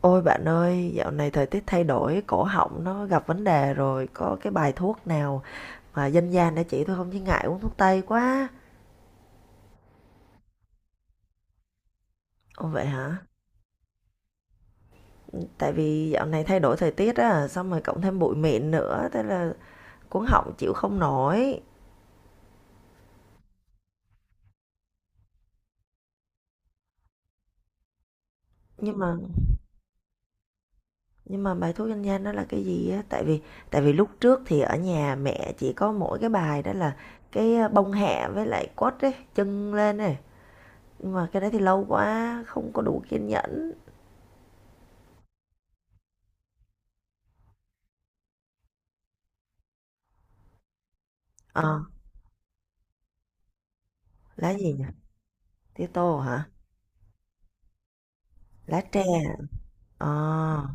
Ôi bạn ơi, dạo này thời tiết thay đổi, cổ họng nó gặp vấn đề rồi, có cái bài thuốc nào mà dân gian để chỉ tôi không chứ ngại uống thuốc tây quá. Ồ vậy hả? Tại vì dạo này thay đổi thời tiết á, xong rồi cộng thêm bụi mịn nữa, thế là cuống họng chịu không nổi. Nhưng mà nhưng mà bài thuốc dân gian đó là cái gì á? Tại vì lúc trước thì ở nhà mẹ chỉ có mỗi cái bài đó là cái bông hẹ với lại quất ấy, chân lên này. Nhưng mà cái đấy thì lâu quá, không có đủ kiên nhẫn. Ờ, lá gì nhỉ? Tía tô hả? Lá tre hả? Ờ.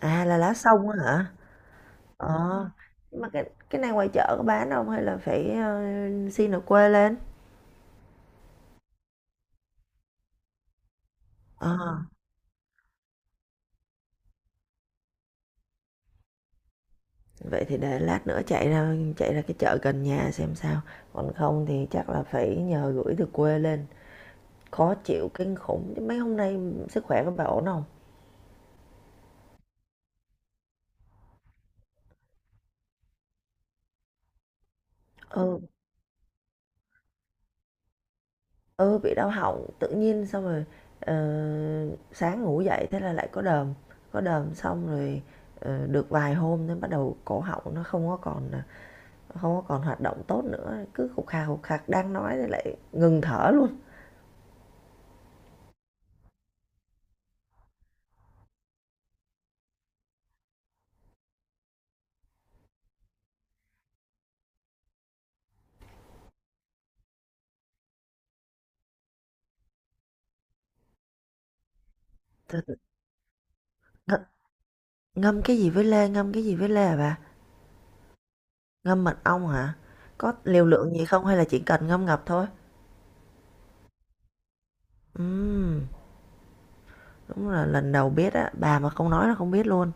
À là lá sông á hả? Ờ. Nhưng mà cái này ngoài chợ có bán không hay là phải xin ở quê lên? Ờ. Vậy thì để lát nữa chạy ra cái chợ gần nhà xem sao. Còn không thì chắc là phải nhờ gửi từ quê lên. Khó chịu kinh khủng chứ mấy hôm nay sức khỏe của bà ổn không? Ừ. Ừ, bị đau họng tự nhiên xong rồi, ờ, sáng ngủ dậy thế là lại có đờm xong rồi, được vài hôm thế bắt đầu cổ họng nó không có còn hoạt động tốt nữa, cứ khục khà, khục khạc đang nói thì lại ngừng thở luôn. Th th Ngâm cái gì với lê, ngâm cái gì với lê hả bà? Ngâm mật ong hả? Có liều lượng gì không hay là chỉ cần ngâm ngập thôi? Ừm, đúng là lần đầu biết á, bà mà không nói là không biết luôn.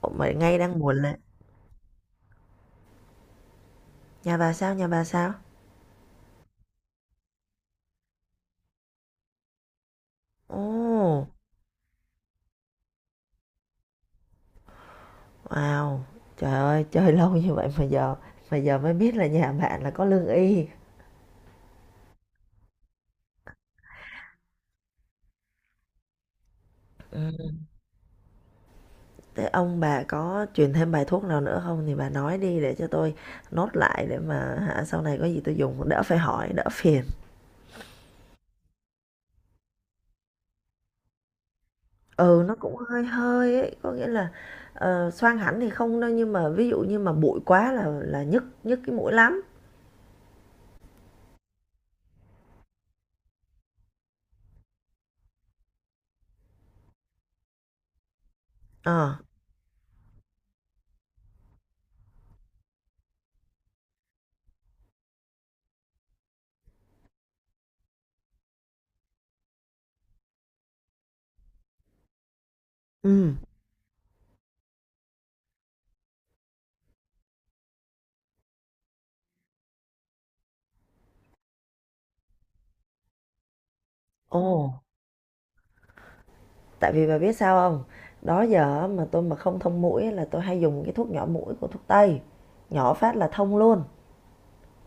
Ủa, mà ngay đang buồn lê nhà bà sao, nhà bà sao? Ồ! Wow! Trời ơi, chơi lâu như vậy mà giờ mới biết là nhà bạn là có lương y. Ừm, thế ông bà có truyền thêm bài thuốc nào nữa không thì bà nói đi để cho tôi nốt lại để mà hả, sau này có gì tôi dùng đỡ phải hỏi, đỡ phiền. Ừ, nó cũng hơi hơi ấy, có nghĩa là, xoang hẳn thì không đâu nhưng mà ví dụ như mà bụi quá là nhức nhức cái mũi lắm. Ờ, ừm. Ồ! Tại vì bà biết sao không? Đó giờ mà tôi mà không thông mũi là tôi hay dùng cái thuốc nhỏ mũi của thuốc tây, nhỏ phát là thông luôn.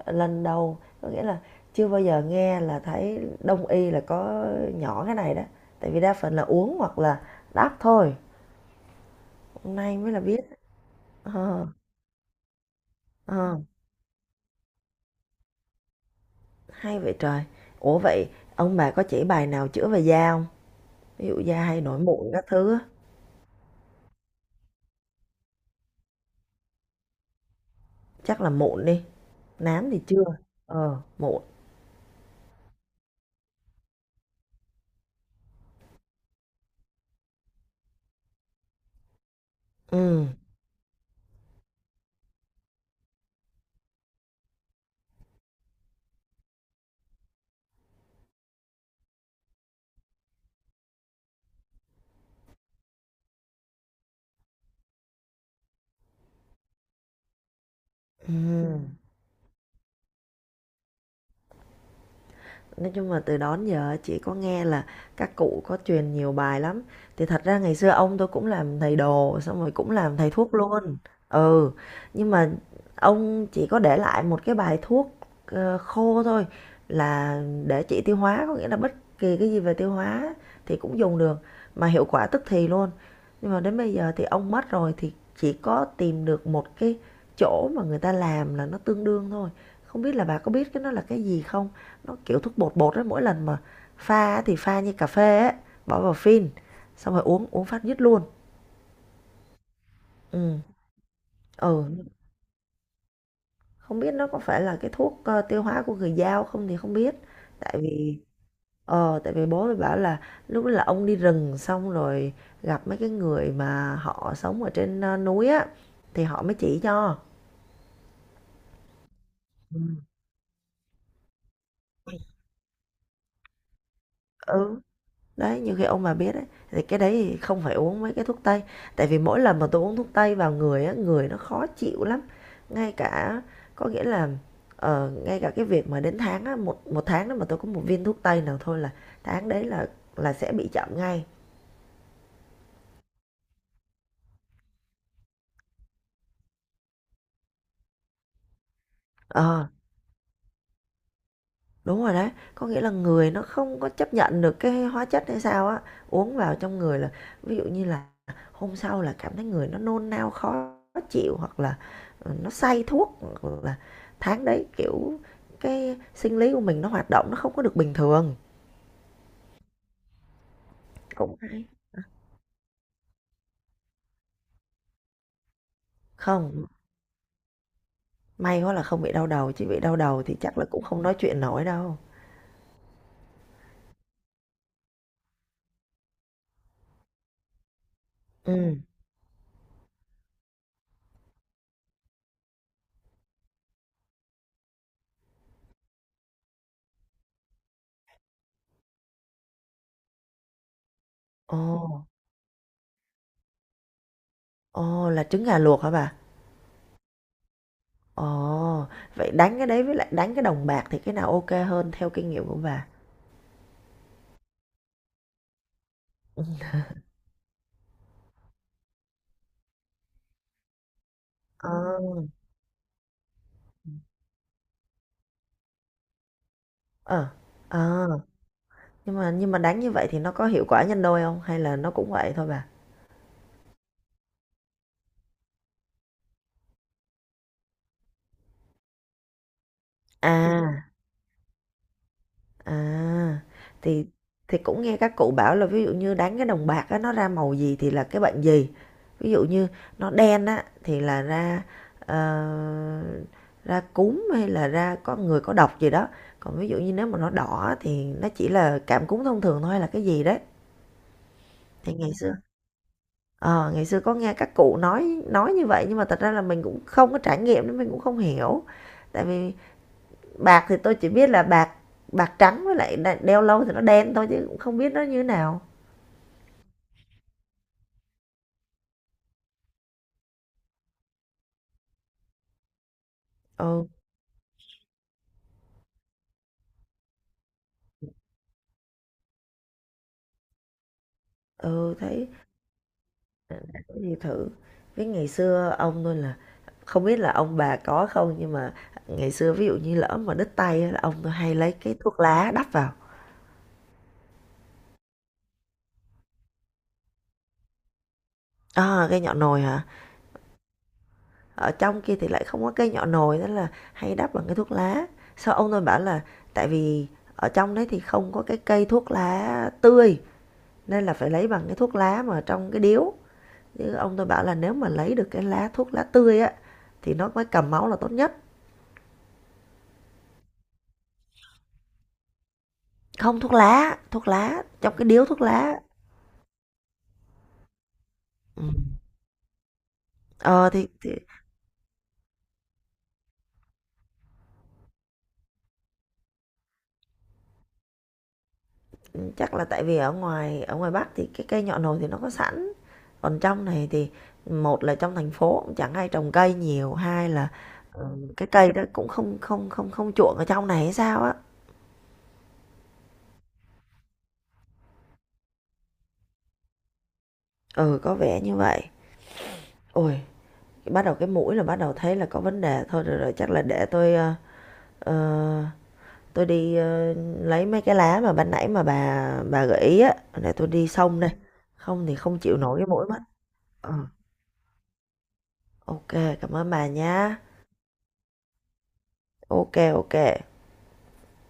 Lần đầu có nghĩa là chưa bao giờ nghe là thấy đông y là có nhỏ cái này đó. Tại vì đa phần là uống hoặc là đắp thôi, hôm nay mới là biết. Ờ, ờ, hay vậy trời. Ủa, vậy ông bà có chỉ bài nào chữa về da không? Ví dụ da hay nổi mụn các thứ á, chắc là mụn đi, nám thì chưa, mụn. Ừm, ừm. Nói chung là từ đó đến giờ chị có nghe là các cụ có truyền nhiều bài lắm. Thì thật ra ngày xưa ông tôi cũng làm thầy đồ, xong rồi cũng làm thầy thuốc luôn. Ừ, nhưng mà ông chỉ có để lại một cái bài thuốc khô thôi là để trị tiêu hóa, có nghĩa là bất kỳ cái gì về tiêu hóa thì cũng dùng được mà hiệu quả tức thì luôn. Nhưng mà đến bây giờ thì ông mất rồi thì chỉ có tìm được một cái chỗ mà người ta làm là nó tương đương thôi. Không biết là bà có biết cái nó là cái gì không? Nó kiểu thuốc bột bột ấy, mỗi lần mà pha thì pha như cà phê ấy, bỏ vào phin, xong rồi uống uống phát dứt luôn. Ừ, ừ, không biết nó có phải là cái thuốc, tiêu hóa của người Dao không thì không biết, tại vì tại vì bố mới bảo là lúc đó là ông đi rừng xong rồi gặp mấy cái người mà họ sống ở trên, núi á, thì họ mới chỉ cho. Ừ. Đấy, như khi ông bà biết ấy, thì cái đấy thì không phải uống mấy cái thuốc tây. Tại vì mỗi lần mà tôi uống thuốc tây vào người á, người nó khó chịu lắm. Ngay cả có nghĩa là ngay cả cái việc mà đến tháng á, một một tháng đó mà tôi có một viên thuốc tây nào thôi là tháng đấy là sẽ bị chậm ngay. Ờ. Đúng rồi đấy, có nghĩa là người nó không có chấp nhận được cái hóa chất hay sao á, uống vào trong người là ví dụ như là hôm sau là cảm thấy người nó nôn nao khó chịu hoặc là nó say thuốc hoặc là tháng đấy kiểu cái sinh lý của mình nó hoạt động nó không có được bình thường. Cũng hay. Không, may quá là không bị đau đầu chứ bị đau đầu thì chắc là cũng không nói chuyện nổi đâu. Ừ. Ồ, ồ là trứng gà luộc hả bà? Ồ, vậy đánh cái đấy với lại đánh cái đồng bạc thì cái nào ok hơn theo kinh nghiệm của bà? Ừ. À. Ừ. Ờ, ờ. Nhưng mà đánh như vậy thì nó có hiệu quả nhân đôi không hay là nó cũng vậy thôi bà? À, à thì thì cũng nghe các cụ bảo là ví dụ như đánh cái đồng bạc á nó ra màu gì thì là cái bệnh gì. Ví dụ như nó đen á thì là ờ, ra cúm hay là ra có người có độc gì đó. Còn ví dụ như nếu mà nó đỏ á, thì nó chỉ là cảm cúm thông thường thôi hay là cái gì đấy. Thì ngày xưa Ờ, ngày xưa có nghe các cụ nói như vậy nhưng mà thật ra là mình cũng không có trải nghiệm nên mình cũng không hiểu. Tại vì bạc thì tôi chỉ biết là bạc bạc trắng với lại đeo lâu thì nó đen thôi chứ cũng không biết nó như thế nào. Ừ, ừ, thấy đã có gì thử. Với ngày xưa ông tôi là không biết là ông bà có không nhưng mà ngày xưa ví dụ như lỡ mà đứt tay á là ông tôi hay lấy cái thuốc lá đắp vào. À, cái nhọn nồi hả? Ở trong kia thì lại không có cây nhỏ nồi nên là hay đắp bằng cái thuốc lá. Sau ông tôi bảo là tại vì ở trong đấy thì không có cái cây thuốc lá tươi nên là phải lấy bằng cái thuốc lá mà trong cái điếu, chứ ông tôi bảo là nếu mà lấy được cái lá thuốc lá tươi á thì nó mới cầm máu là tốt nhất. Không, thuốc lá, thuốc lá trong cái điếu thuốc lá. Ừ. thì chắc là tại vì ở ngoài Bắc thì cái cây nhọ nồi thì nó có sẵn. Còn trong này thì một là trong thành phố cũng chẳng ai trồng cây nhiều, hai là, cái cây đó cũng không không không không chuộng ở trong này hay sao á. Ừ, có vẻ như vậy. Ôi, bắt đầu cái mũi là bắt đầu thấy là có vấn đề thôi, rồi rồi chắc là để ờ, tôi đi, lấy mấy cái lá mà ban nãy mà bà gợi ý á, để tôi đi xông đây, không thì không chịu nổi cái mũi mất. Ờ, ô cảm ơn bà nhá. Ok ok